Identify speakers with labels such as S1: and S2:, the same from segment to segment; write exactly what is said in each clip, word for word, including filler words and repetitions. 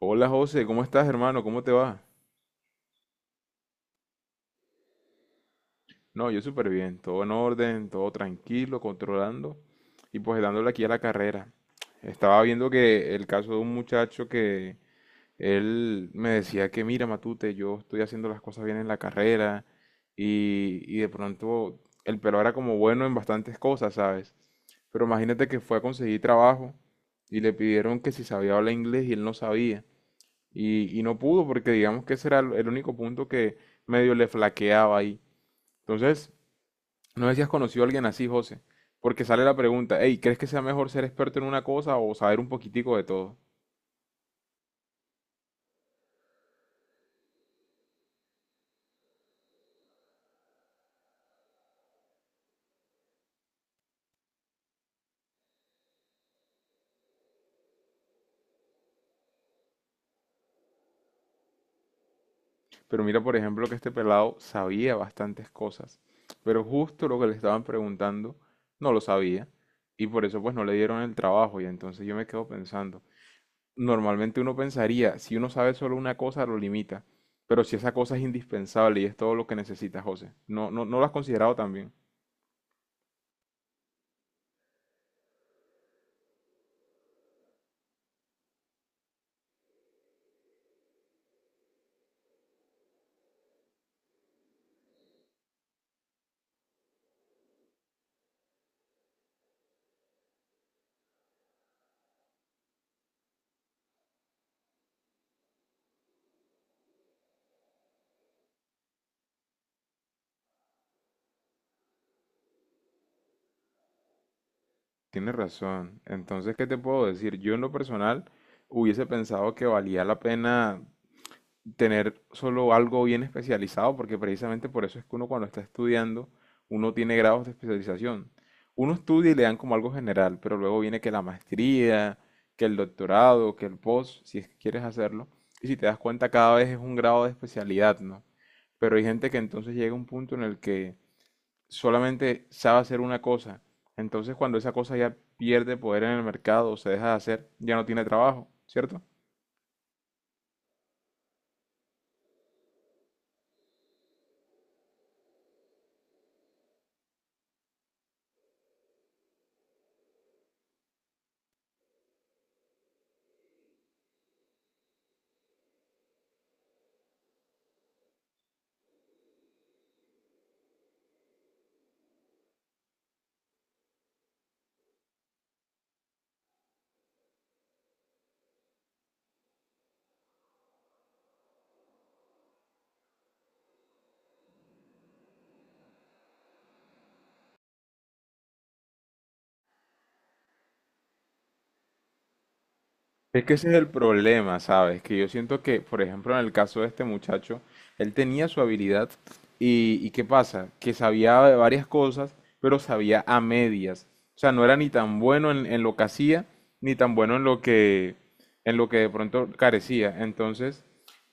S1: Hola José, ¿cómo estás hermano? ¿Cómo te va? No, yo súper bien, todo en orden, todo tranquilo, controlando y pues dándole aquí a la carrera. Estaba viendo que el caso de un muchacho que él me decía que mira Matute, yo estoy haciendo las cosas bien en la carrera y, y de pronto el pelo era como bueno en bastantes cosas, ¿sabes? Pero imagínate que fue a conseguir trabajo y le pidieron que si sabía hablar inglés y él no sabía. Y, y no pudo porque digamos que ese era el el único punto que medio le flaqueaba ahí. Entonces, no sé si has conocido a alguien así, José, porque sale la pregunta, hey, ¿crees que sea mejor ser experto en una cosa o saber un poquitico de todo? Pero mira, por ejemplo, que este pelado sabía bastantes cosas, pero justo lo que le estaban preguntando no lo sabía y por eso pues no le dieron el trabajo y entonces yo me quedo pensando, normalmente uno pensaría, si uno sabe solo una cosa, lo limita. Pero si esa cosa es indispensable y es todo lo que necesita, José. No, no, no lo has considerado también. Tienes razón. Entonces, ¿qué te puedo decir? Yo en lo personal hubiese pensado que valía la pena tener solo algo bien especializado, porque precisamente por eso es que uno cuando está estudiando, uno tiene grados de especialización. Uno estudia y le dan como algo general, pero luego viene que la maestría, que el doctorado, que el post, si es que quieres hacerlo. Y si te das cuenta, cada vez es un grado de especialidad, ¿no? Pero hay gente que entonces llega a un punto en el que solamente sabe hacer una cosa. Entonces, cuando esa cosa ya pierde poder en el mercado o se deja de hacer, ya no tiene trabajo, ¿cierto? Es que ese es el problema, ¿sabes? Que yo siento que, por ejemplo, en el caso de este muchacho, él tenía su habilidad y, ¿y qué pasa? Que sabía de varias cosas, pero sabía a medias. O sea, no era ni tan bueno en, en lo que hacía, ni tan bueno en lo que, en lo que de pronto carecía. Entonces,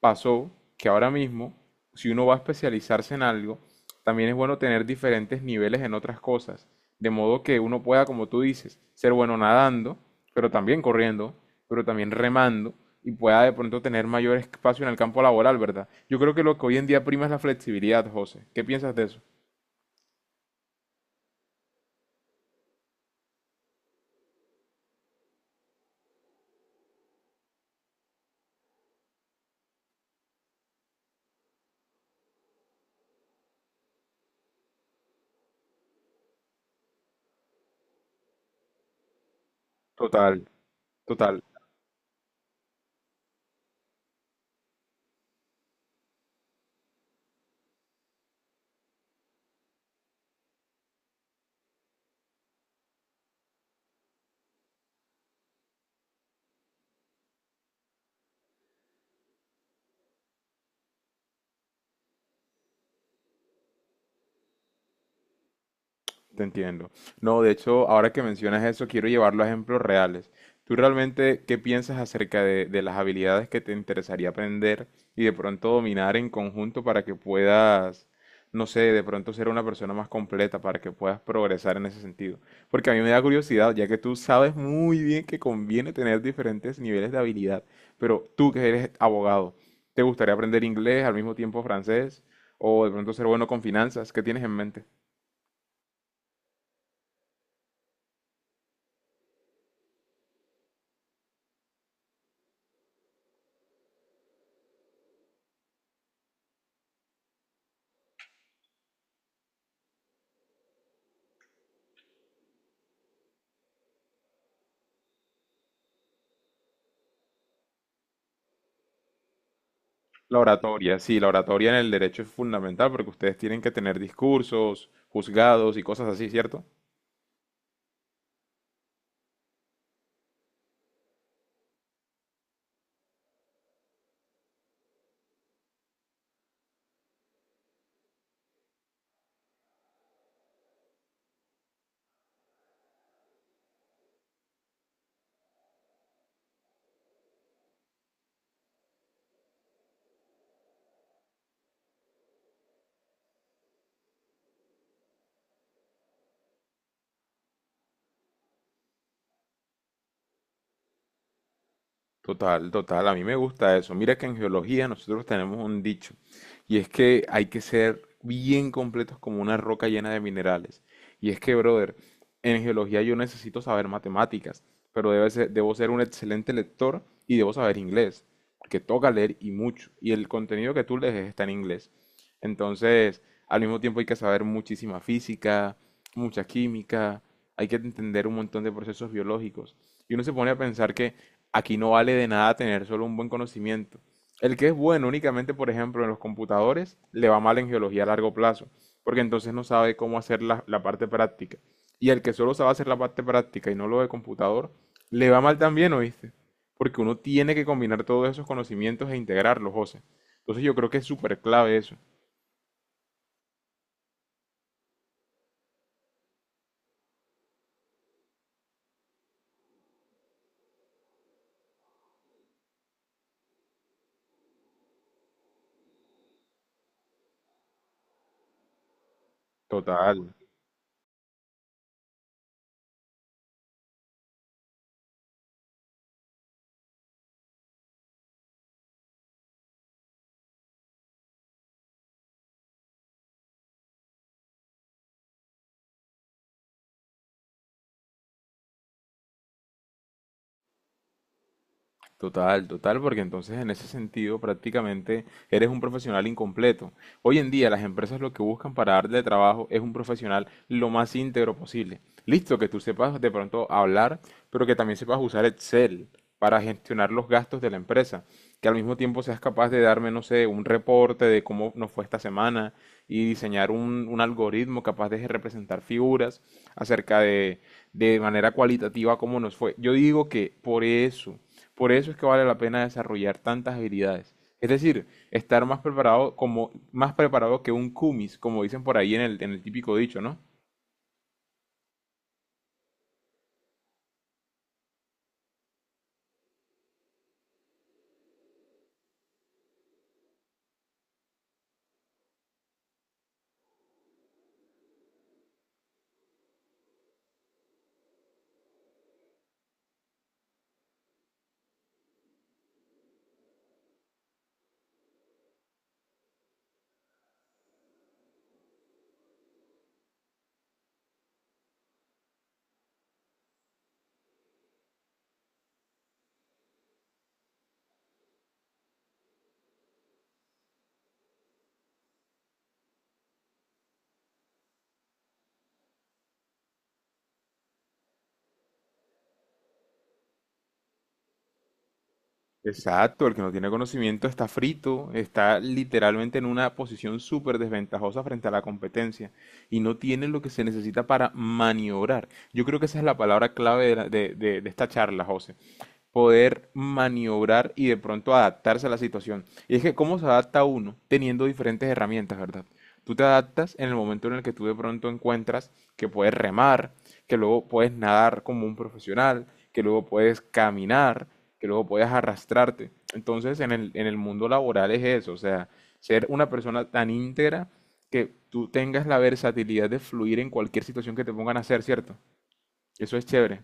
S1: pasó que ahora mismo, si uno va a especializarse en algo, también es bueno tener diferentes niveles en otras cosas, de modo que uno pueda, como tú dices, ser bueno nadando, pero también corriendo, pero también remando y pueda de pronto tener mayor espacio en el campo laboral, ¿verdad? Yo creo que lo que hoy en día prima es la flexibilidad, José. ¿Qué piensas de eso? Total, total. Te entiendo. No, de hecho, ahora que mencionas eso, quiero llevarlo a ejemplos reales. ¿Tú realmente qué piensas acerca de, de las habilidades que te interesaría aprender y de pronto dominar en conjunto para que puedas, no sé, de pronto ser una persona más completa, para que puedas progresar en ese sentido? Porque a mí me da curiosidad, ya que tú sabes muy bien que conviene tener diferentes niveles de habilidad, pero tú que eres abogado, ¿te gustaría aprender inglés al mismo tiempo francés o de pronto ser bueno con finanzas? ¿Qué tienes en mente? La oratoria, sí, la oratoria en el derecho es fundamental porque ustedes tienen que tener discursos, juzgados y cosas así, ¿cierto? Total, total, a mí me gusta eso. Mira que en geología nosotros tenemos un dicho, y es que hay que ser bien completos como una roca llena de minerales. Y es que, brother, en geología yo necesito saber matemáticas, pero debe ser- debo ser un excelente lector y debo saber inglés, porque toca leer y mucho, y el contenido que tú lees está en inglés. Entonces, al mismo tiempo hay que saber muchísima física, mucha química, hay que entender un montón de procesos biológicos. Y uno se pone a pensar que aquí no vale de nada tener solo un buen conocimiento. El que es bueno únicamente, por ejemplo, en los computadores, le va mal en geología a largo plazo, porque entonces no sabe cómo hacer la, la parte práctica. Y el que solo sabe hacer la parte práctica y no lo de computador, le va mal también, ¿oíste? Porque uno tiene que combinar todos esos conocimientos e integrarlos, José. Entonces yo creo que es súper clave eso. Total. Total, total, porque entonces en ese sentido prácticamente eres un profesional incompleto. Hoy en día las empresas lo que buscan para darle trabajo es un profesional lo más íntegro posible. Listo, que tú sepas de pronto hablar, pero que también sepas usar Excel para gestionar los gastos de la empresa, que al mismo tiempo seas capaz de darme, no sé, un reporte de cómo nos fue esta semana y diseñar un, un algoritmo capaz de representar figuras acerca de, de manera cualitativa cómo nos fue. Yo digo que por eso por eso es que vale la pena desarrollar tantas habilidades. Es decir, estar más preparado, como, más preparado que un kumis, como dicen por ahí en el, en el típico dicho, ¿no? Exacto, el que no tiene conocimiento está frito, está literalmente en una posición súper desventajosa frente a la competencia y no tiene lo que se necesita para maniobrar. Yo creo que esa es la palabra clave de, la- de- de- de esta charla, José. Poder maniobrar y de pronto adaptarse a la situación. Y es que cómo se adapta uno teniendo diferentes herramientas, ¿verdad? Tú te adaptas en el momento en el que tú de pronto encuentras que puedes remar, que luego puedes nadar como un profesional, que luego puedes caminar, que luego puedas arrastrarte. Entonces, en el, en el mundo laboral es eso, o sea, ser una persona tan íntegra que tú tengas la versatilidad de fluir en cualquier situación que te pongan a hacer, ¿cierto? Eso es chévere.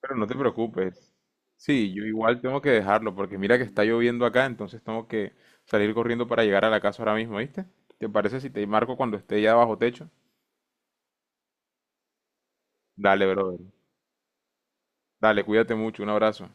S1: Pero no te preocupes. Sí, yo igual tengo que dejarlo porque mira que está lloviendo acá, entonces tengo que salir corriendo para llegar a la casa ahora mismo, ¿viste? ¿Te parece si te marco cuando esté ya bajo techo? Dale, brother. Dale, cuídate mucho, un abrazo.